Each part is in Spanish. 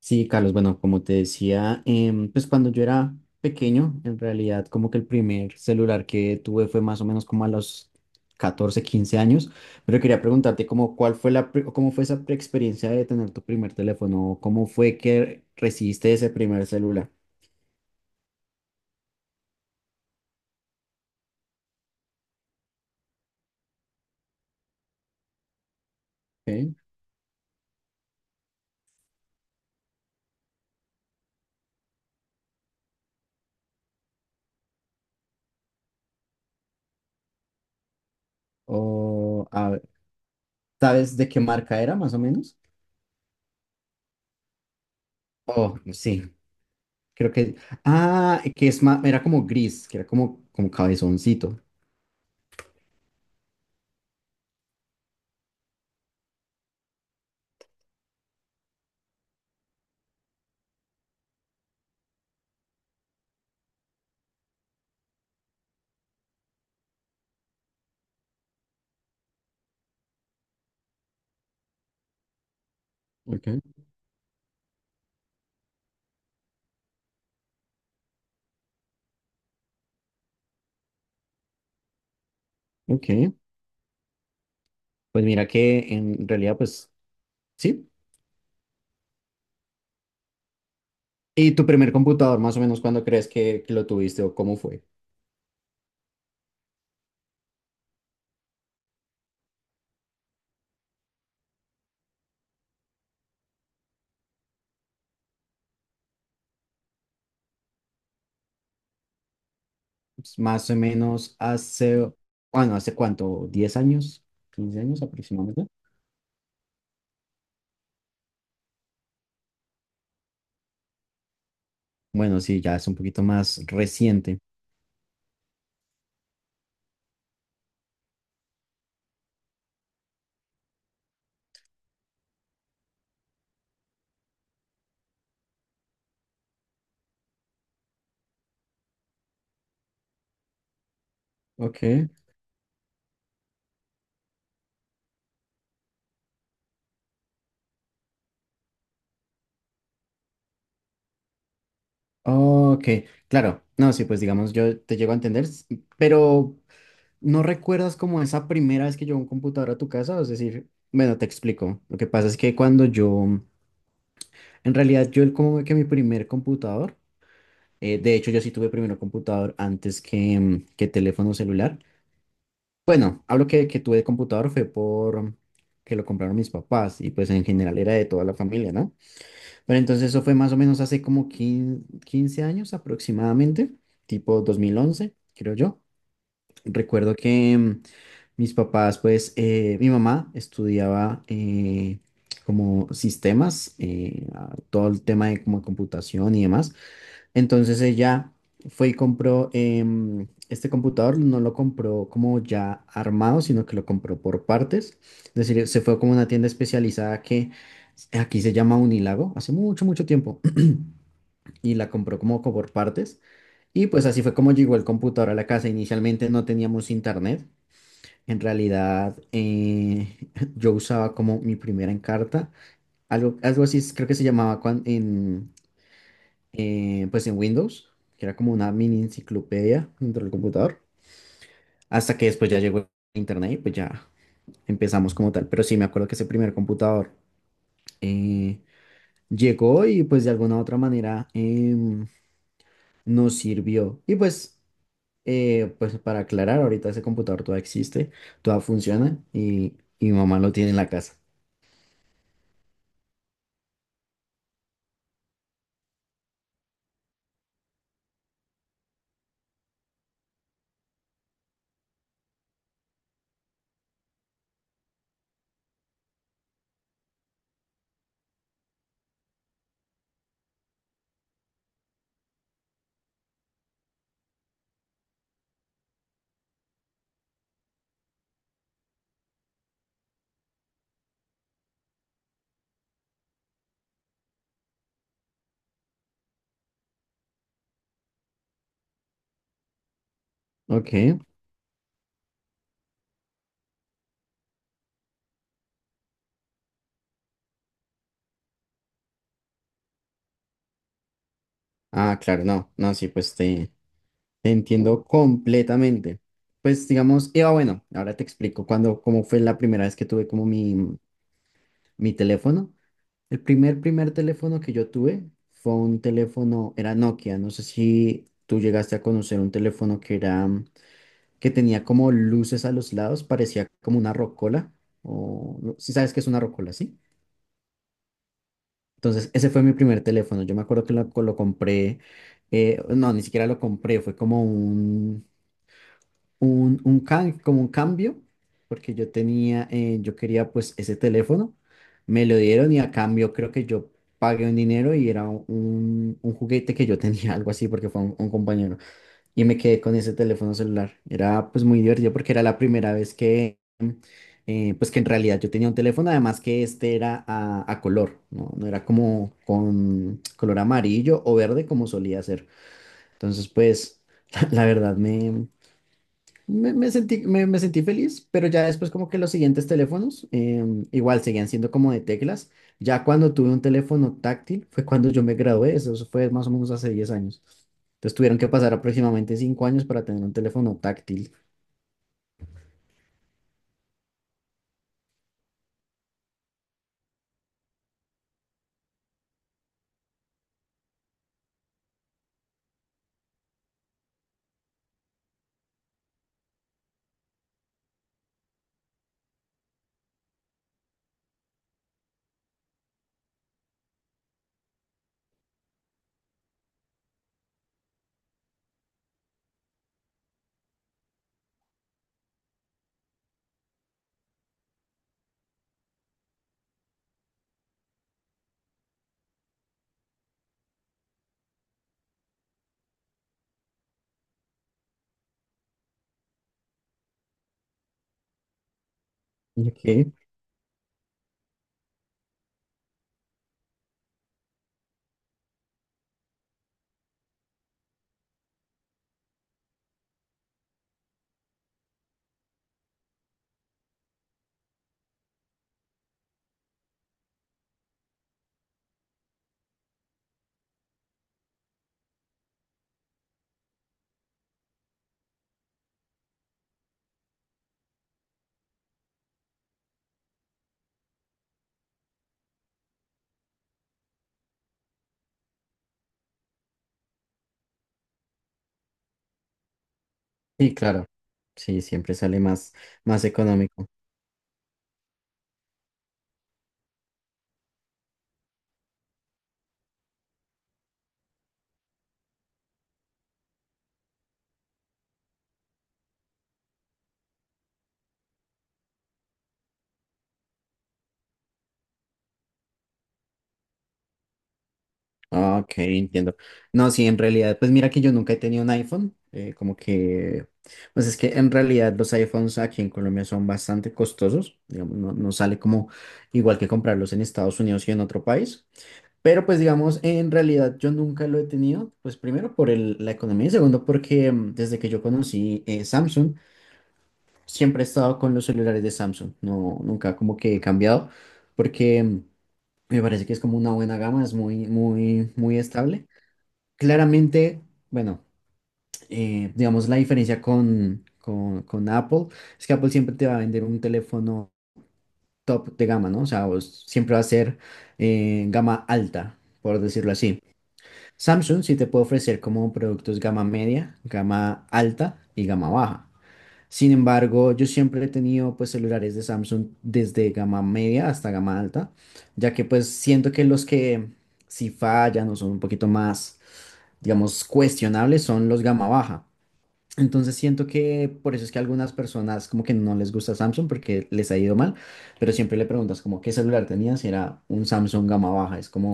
Sí, Carlos, bueno, como te decía, pues cuando yo era pequeño, en realidad como que el primer celular que tuve fue más o menos como a los 14, 15 años, pero quería preguntarte como cuál fue cómo fue experiencia de tener tu primer teléfono, cómo fue que recibiste ese primer celular, ¿ok? O, a ver, ¿sabes de qué marca era más o menos? Oh, sí, creo que, ah, que es más, era como gris, que era como cabezoncito. Ok, ok. Pues mira que en realidad, pues sí. ¿Y tu primer computador, más o menos, cuándo crees que lo tuviste o cómo fue? Pues, más o menos hace, bueno, ¿hace cuánto? ¿10 años? ¿15 años aproximadamente? Bueno, sí, ya es un poquito más reciente. Ok, ok, claro. No, sí, pues digamos, yo te llego a entender, pero ¿no recuerdas como esa primera vez que llegó un computador a tu casa? Es decir, bueno, te explico. Lo que pasa es que cuando yo, en realidad, como que mi primer computador. De hecho, yo sí tuve primero computador antes que teléfono celular. Bueno, hablo que tuve computador fue por que lo compraron mis papás y pues en general era de toda la familia, ¿no? Pero entonces eso fue más o menos hace como 15, 15 años aproximadamente, tipo 2011, creo yo. Recuerdo que mis papás, pues mi mamá estudiaba como sistemas, todo el tema de como computación y demás. Entonces ella fue y compró este computador, no lo compró como ya armado, sino que lo compró por partes. Es decir, se fue como a una tienda especializada que aquí se llama Unilago, hace mucho, mucho tiempo, y la compró como por partes. Y pues así fue como llegó el computador a la casa. Inicialmente no teníamos internet. En realidad, yo usaba como mi primera encarta, algo así, creo que se llamaba cuando, pues en Windows, que era como una mini enciclopedia dentro del computador, hasta que después ya llegó Internet y pues ya empezamos como tal. Pero sí, me acuerdo que ese primer computador eh, llegó y pues de alguna u otra manera nos sirvió. Y pues, pues para aclarar, ahorita ese computador todavía existe, todavía funciona y mi mamá lo tiene en la casa. Ok. Ah, claro, no, no, sí, pues te entiendo completamente. Pues digamos, Eva, bueno, ahora te explico cuando, cómo fue la primera vez que tuve como mi teléfono. El primer teléfono que yo tuve fue un teléfono, era Nokia. No sé si tú llegaste a conocer un teléfono que tenía como luces a los lados, parecía como una rocola, o si sabes que es una rocola, ¿sí? Entonces, ese fue mi primer teléfono. Yo me acuerdo que lo compré, no, ni siquiera lo compré, fue como un can- como un cambio, porque yo quería pues ese teléfono, me lo dieron y a cambio creo que yo pagué un dinero y era un juguete que yo tenía, algo así, porque fue un compañero, y me quedé con ese teléfono celular. Era pues muy divertido porque era la primera vez que, pues que en realidad yo tenía un teléfono, además que este era a color, ¿no? No era como con color amarillo o verde como solía ser. Entonces pues, la verdad me sentí feliz, pero ya después como que los siguientes teléfonos igual seguían siendo como de teclas. Ya cuando tuve un teléfono táctil fue cuando yo me gradué, eso fue más o menos hace 10 años. Entonces tuvieron que pasar aproximadamente 5 años para tener un teléfono táctil. Ok. Sí, claro. Sí, siempre sale más económico. Ah, ok, entiendo. No, sí, en realidad, pues mira que yo nunca he tenido un iPhone, como que, pues es que en realidad los iPhones aquí en Colombia son bastante costosos, digamos, no, no sale como igual que comprarlos en Estados Unidos y en otro país, pero pues digamos, en realidad yo nunca lo he tenido, pues primero por la economía y segundo porque desde que yo conocí Samsung, siempre he estado con los celulares de Samsung, no, nunca como que he cambiado, porque me parece que es como una buena gama, es muy, muy, muy estable. Claramente, bueno, digamos la diferencia con Apple es que Apple siempre te va a vender un teléfono top de gama, ¿no? O sea, vos siempre va a ser gama alta, por decirlo así. Samsung sí te puede ofrecer como productos gama media, gama alta y gama baja. Sin embargo, yo siempre he tenido pues celulares de Samsung desde gama media hasta gama alta, ya que pues siento que los que si fallan o son un poquito más, digamos, cuestionables son los gama baja. Entonces siento que por eso es que a algunas personas como que no les gusta Samsung porque les ha ido mal, pero siempre le preguntas como qué celular tenías y era un Samsung gama baja, es como,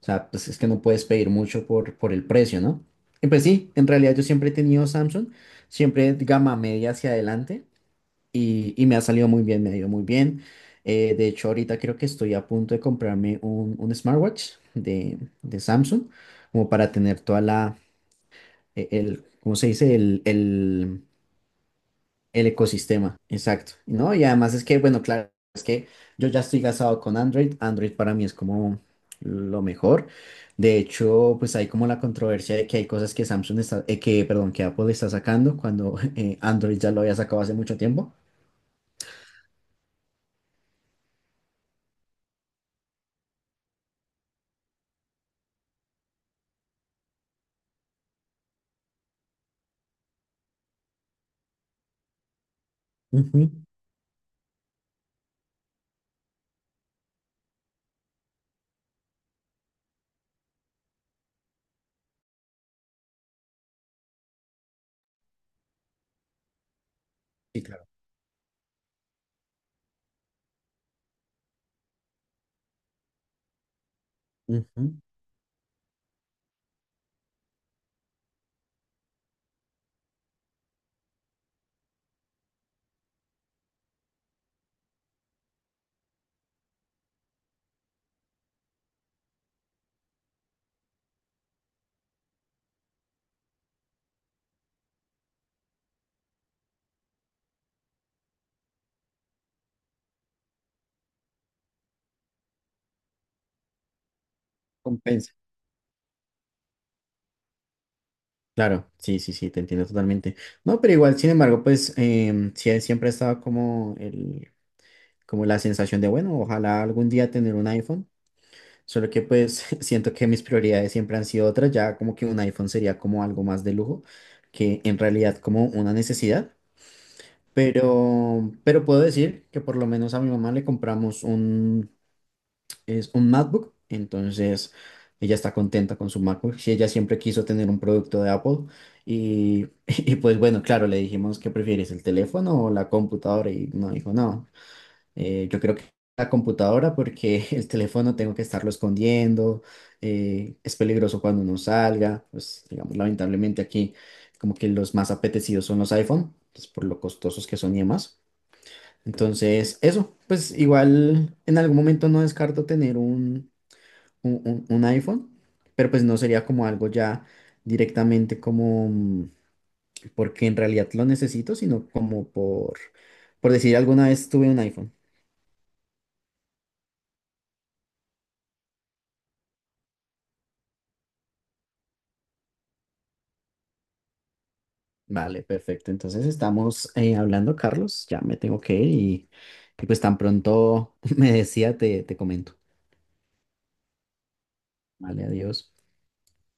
o sea, pues es que no puedes pedir mucho por el precio, ¿no? Y pues sí, en realidad yo siempre he tenido Samsung, siempre gama media hacia adelante y me ha salido muy bien, me ha ido muy bien. De hecho, ahorita creo que estoy a punto de comprarme un smartwatch de Samsung como para tener toda el, ¿cómo se dice? El ecosistema, exacto, ¿no? Y además es que, bueno, claro, es que yo ya estoy casado con Android, Android para mí es como lo mejor. De hecho, pues hay como la controversia de que hay cosas que Samsung está, que, perdón, que Apple está sacando cuando Android ya lo había sacado hace mucho tiempo. Ujú, sí, claro. Ujú, compensa. Claro, sí, sí, sí, te entiendo totalmente. No, pero igual, sin embargo, pues sí, siempre ha estado como la sensación de, bueno, ojalá algún día tener un iPhone. Solo que pues siento que mis prioridades siempre han sido otras, ya como que un iPhone sería como algo más de lujo que en realidad como una necesidad, pero puedo decir que por lo menos a mi mamá le compramos es un MacBook, entonces ella está contenta con su MacBook, si ella siempre quiso tener un producto de Apple y, y pues bueno, claro, le dijimos que prefieres el teléfono o la computadora y no dijo no. Yo creo que la computadora porque el teléfono tengo que estarlo escondiendo, es peligroso cuando uno salga, pues digamos lamentablemente aquí como que los más apetecidos son los iPhone, pues, por lo costosos que son y demás. Entonces, eso, pues igual en algún momento no descarto tener un iPhone, pero pues no sería como algo ya directamente como porque en realidad lo necesito, sino como por decir alguna vez tuve un iPhone. Vale, perfecto. Entonces estamos hablando, Carlos. Ya me tengo que ir y pues tan pronto me decía, te comento. Vale, adiós.